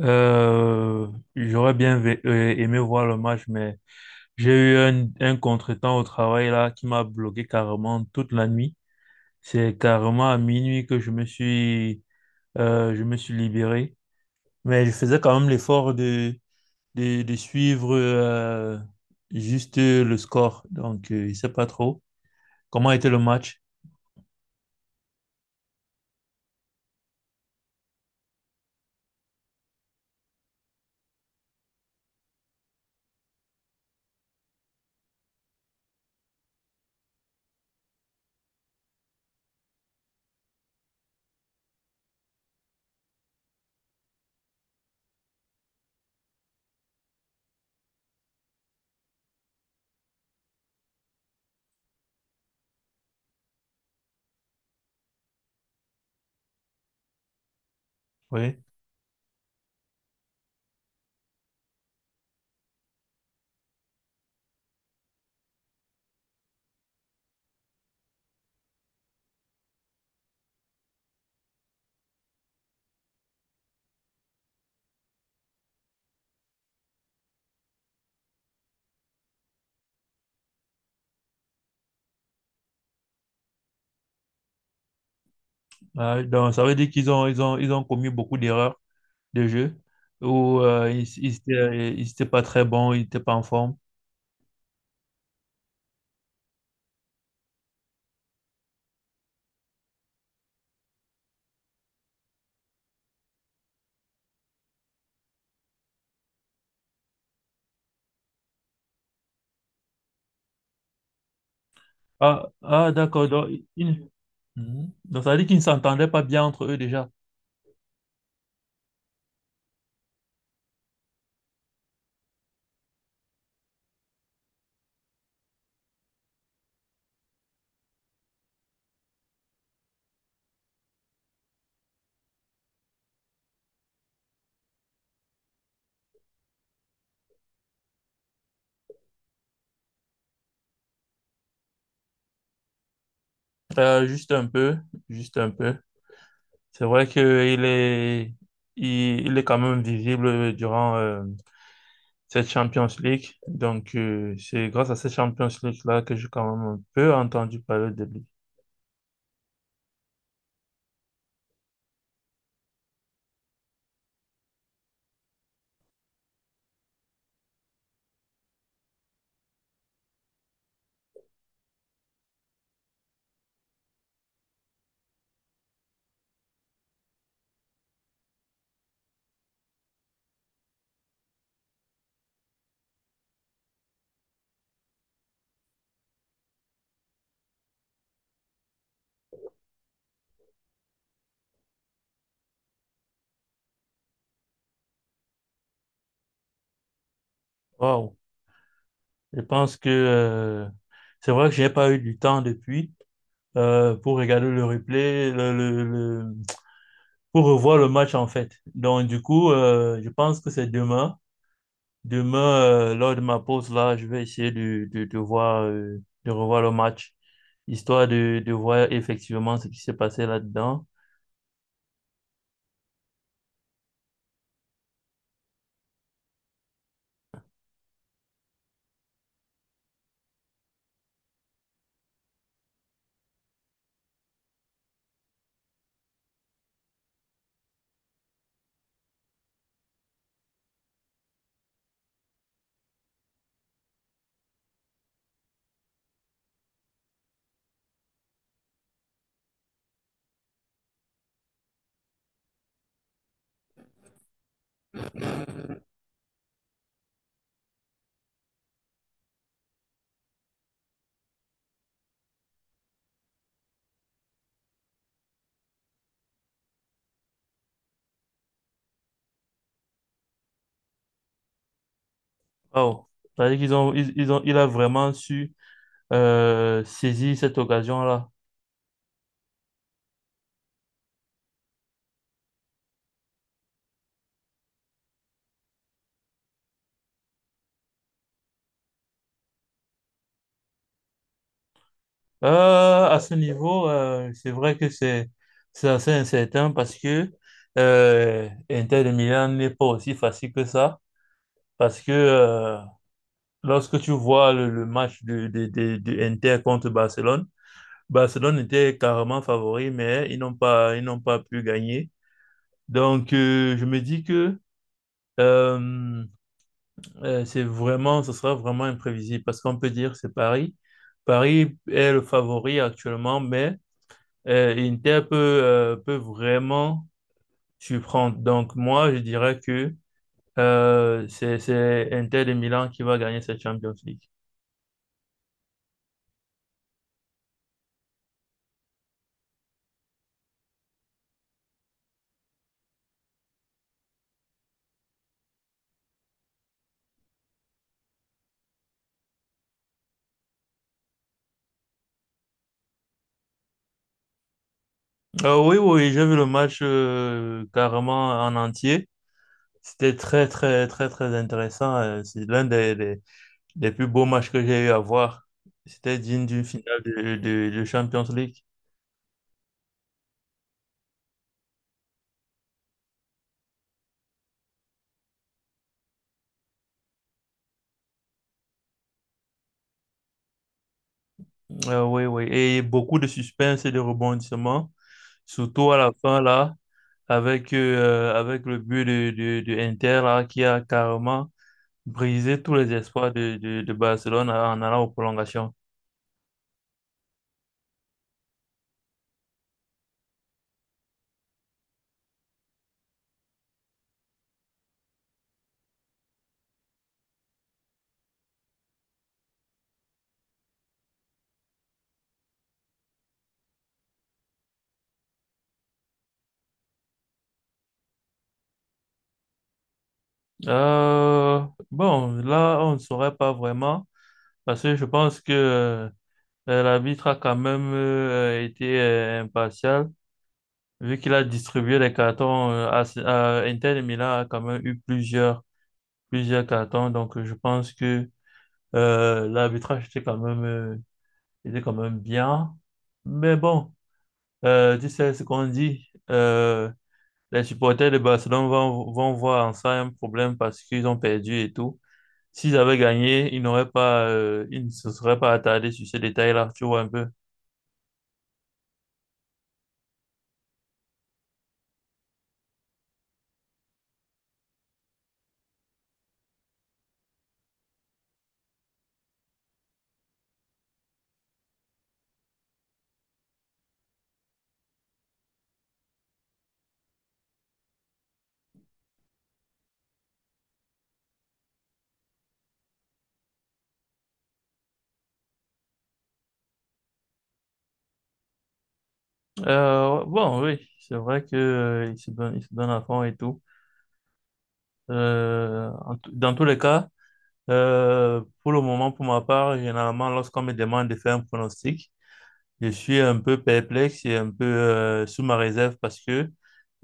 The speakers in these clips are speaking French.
Euh, J'aurais bien aimé voir le match, mais j'ai eu un contretemps au travail là qui m'a bloqué carrément toute la nuit. C'est carrément à minuit que je me suis libéré. Mais je faisais quand même l'effort de suivre juste le score. Donc, je sais pas trop comment était le match. Oui. Donc, ça veut dire qu'ils ont, ils ont, ils ont commis beaucoup d'erreurs de jeu où il était pas très bon, il était pas en forme. Ah, ah d'accord. Donc, il- mhm. Donc, ça veut dire qu'ils ne s'entendaient pas bien entre eux déjà. Juste un peu, juste un peu. C'est vrai qu'il est, il est quand même visible durant, cette Champions League. Donc, c'est grâce à cette Champions League-là que j'ai quand même un peu entendu parler de lui. Waouh! Je pense que c'est vrai que j'ai pas eu du temps depuis pour regarder le replay, pour revoir le match en fait. Donc, du coup, je pense que c'est demain. Demain, lors de ma pause là, je vais essayer de voir, de revoir le match, histoire de voir effectivement ce qui s'est passé là-dedans. Waouh! C'est-à-dire qu'ils ont, ils ont, il a vraiment su saisir cette occasion-là. À ce niveau, c'est vrai que c'est assez incertain parce que Inter de Milan n'est pas aussi facile que ça. Parce que lorsque tu vois le match de Inter contre Barcelone, Barcelone était carrément favori, mais ils n'ont pas pu gagner. Donc, je me dis que euh, c'est vraiment, ce sera vraiment imprévisible parce qu'on peut dire c'est Paris. Paris est le favori actuellement, mais Inter peut, peut vraiment surprendre. Donc moi, je dirais que c'est Inter de Milan qui va gagner cette Champions League. Oui, j'ai vu le match carrément en entier. C'était très intéressant. C'est l'un des plus beaux matchs que j'ai eu à voir. C'était digne d'une finale de Champions League. Oui. Et beaucoup de suspense et de rebondissements, surtout à la fin, là, avec, avec le but de Inter, là, qui a carrément brisé tous les espoirs de Barcelone en allant aux prolongations. Euh, bon, là, on ne saurait pas vraiment, parce que je pense que l'arbitre a quand même été impartial, vu qu'il a distribué les cartons à Inter de Milan, a quand même eu plusieurs cartons, donc je pense que l'arbitrage était quand même bien. Mais bon, tu sais ce qu'on dit. Les supporters de Barcelone vont voir en ça un problème parce qu'ils ont perdu et tout. S'ils avaient gagné, ils ne se seraient pas attardés sur ces détails-là, tu vois un peu. Bon, oui, c'est vrai que, euh, ils se donnent à fond et tout. Dans tous les cas, pour le moment, pour ma part, généralement, lorsqu'on me demande de faire un pronostic, je suis un peu perplexe et un peu sous ma réserve parce que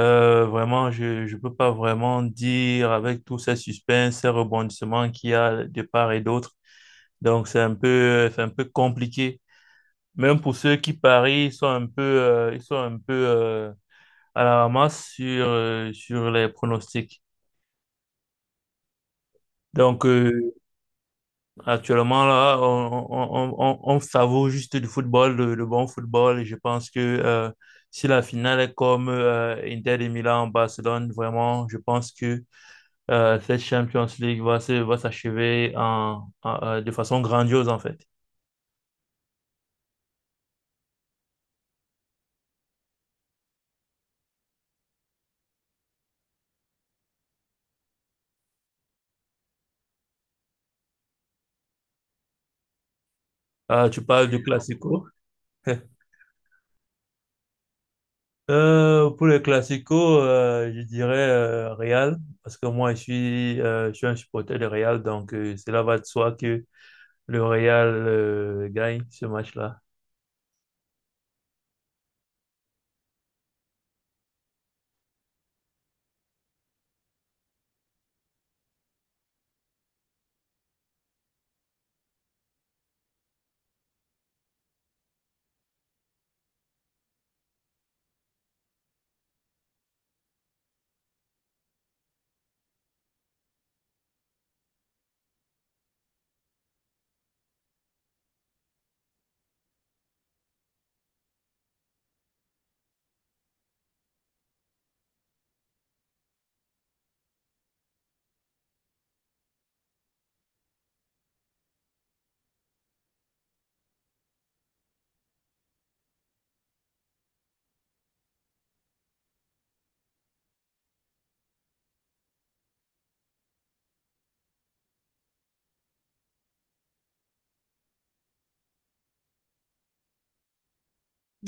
vraiment, je ne peux pas vraiment dire avec tous ces suspens, ces rebondissements qu'il y a de part et d'autre. Donc, c'est un peu compliqué. Même pour ceux qui parient, ils sont un peu à la ramasse sur, sur les pronostics. Donc, actuellement, là, on savoure juste du football, le bon football. Et je pense que si la finale est comme Inter de Milan Barcelone, vraiment, je pense que cette Champions League va s'achever de façon grandiose, en fait. Tu parles du Classico. Pour les classicos, je dirais Real, parce que moi je suis un supporter de Real, donc cela va de soi que le Real gagne ce match-là.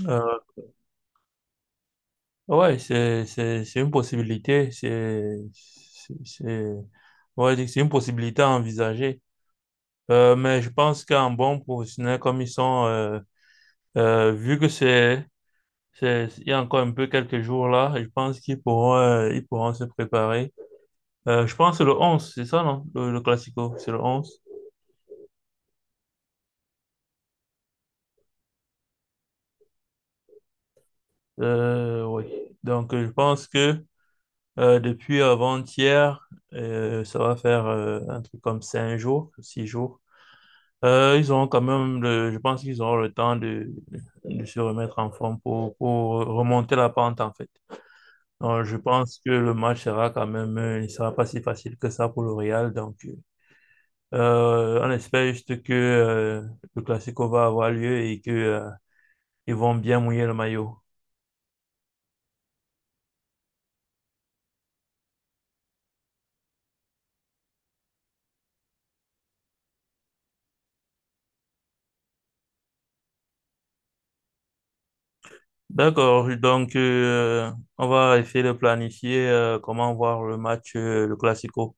Euh, ouais, c'est une possibilité, on va dire que c'est une possibilité à envisager. Mais je pense qu'en bon professionnel comme ils sont, vu que c'est- il y a encore un peu quelques jours là, et je pense qu'ils pourront, ils pourront se préparer. Je pense que le 11 c'est ça, non? Le Classico, c'est le 11. Oui. Donc, je pense que depuis avant-hier, ça va faire un truc comme 5 jours, 6 jours. Ils auront quand même, le, Je pense qu'ils auront le temps de se remettre en forme pour remonter la pente, en fait. Donc, je pense que le match sera quand même, il sera pas si facile que ça pour le Real. Donc, on espère juste que le Classico va avoir lieu et que ils vont bien mouiller le maillot. D'accord, donc on va essayer de planifier comment voir le match, le Classico.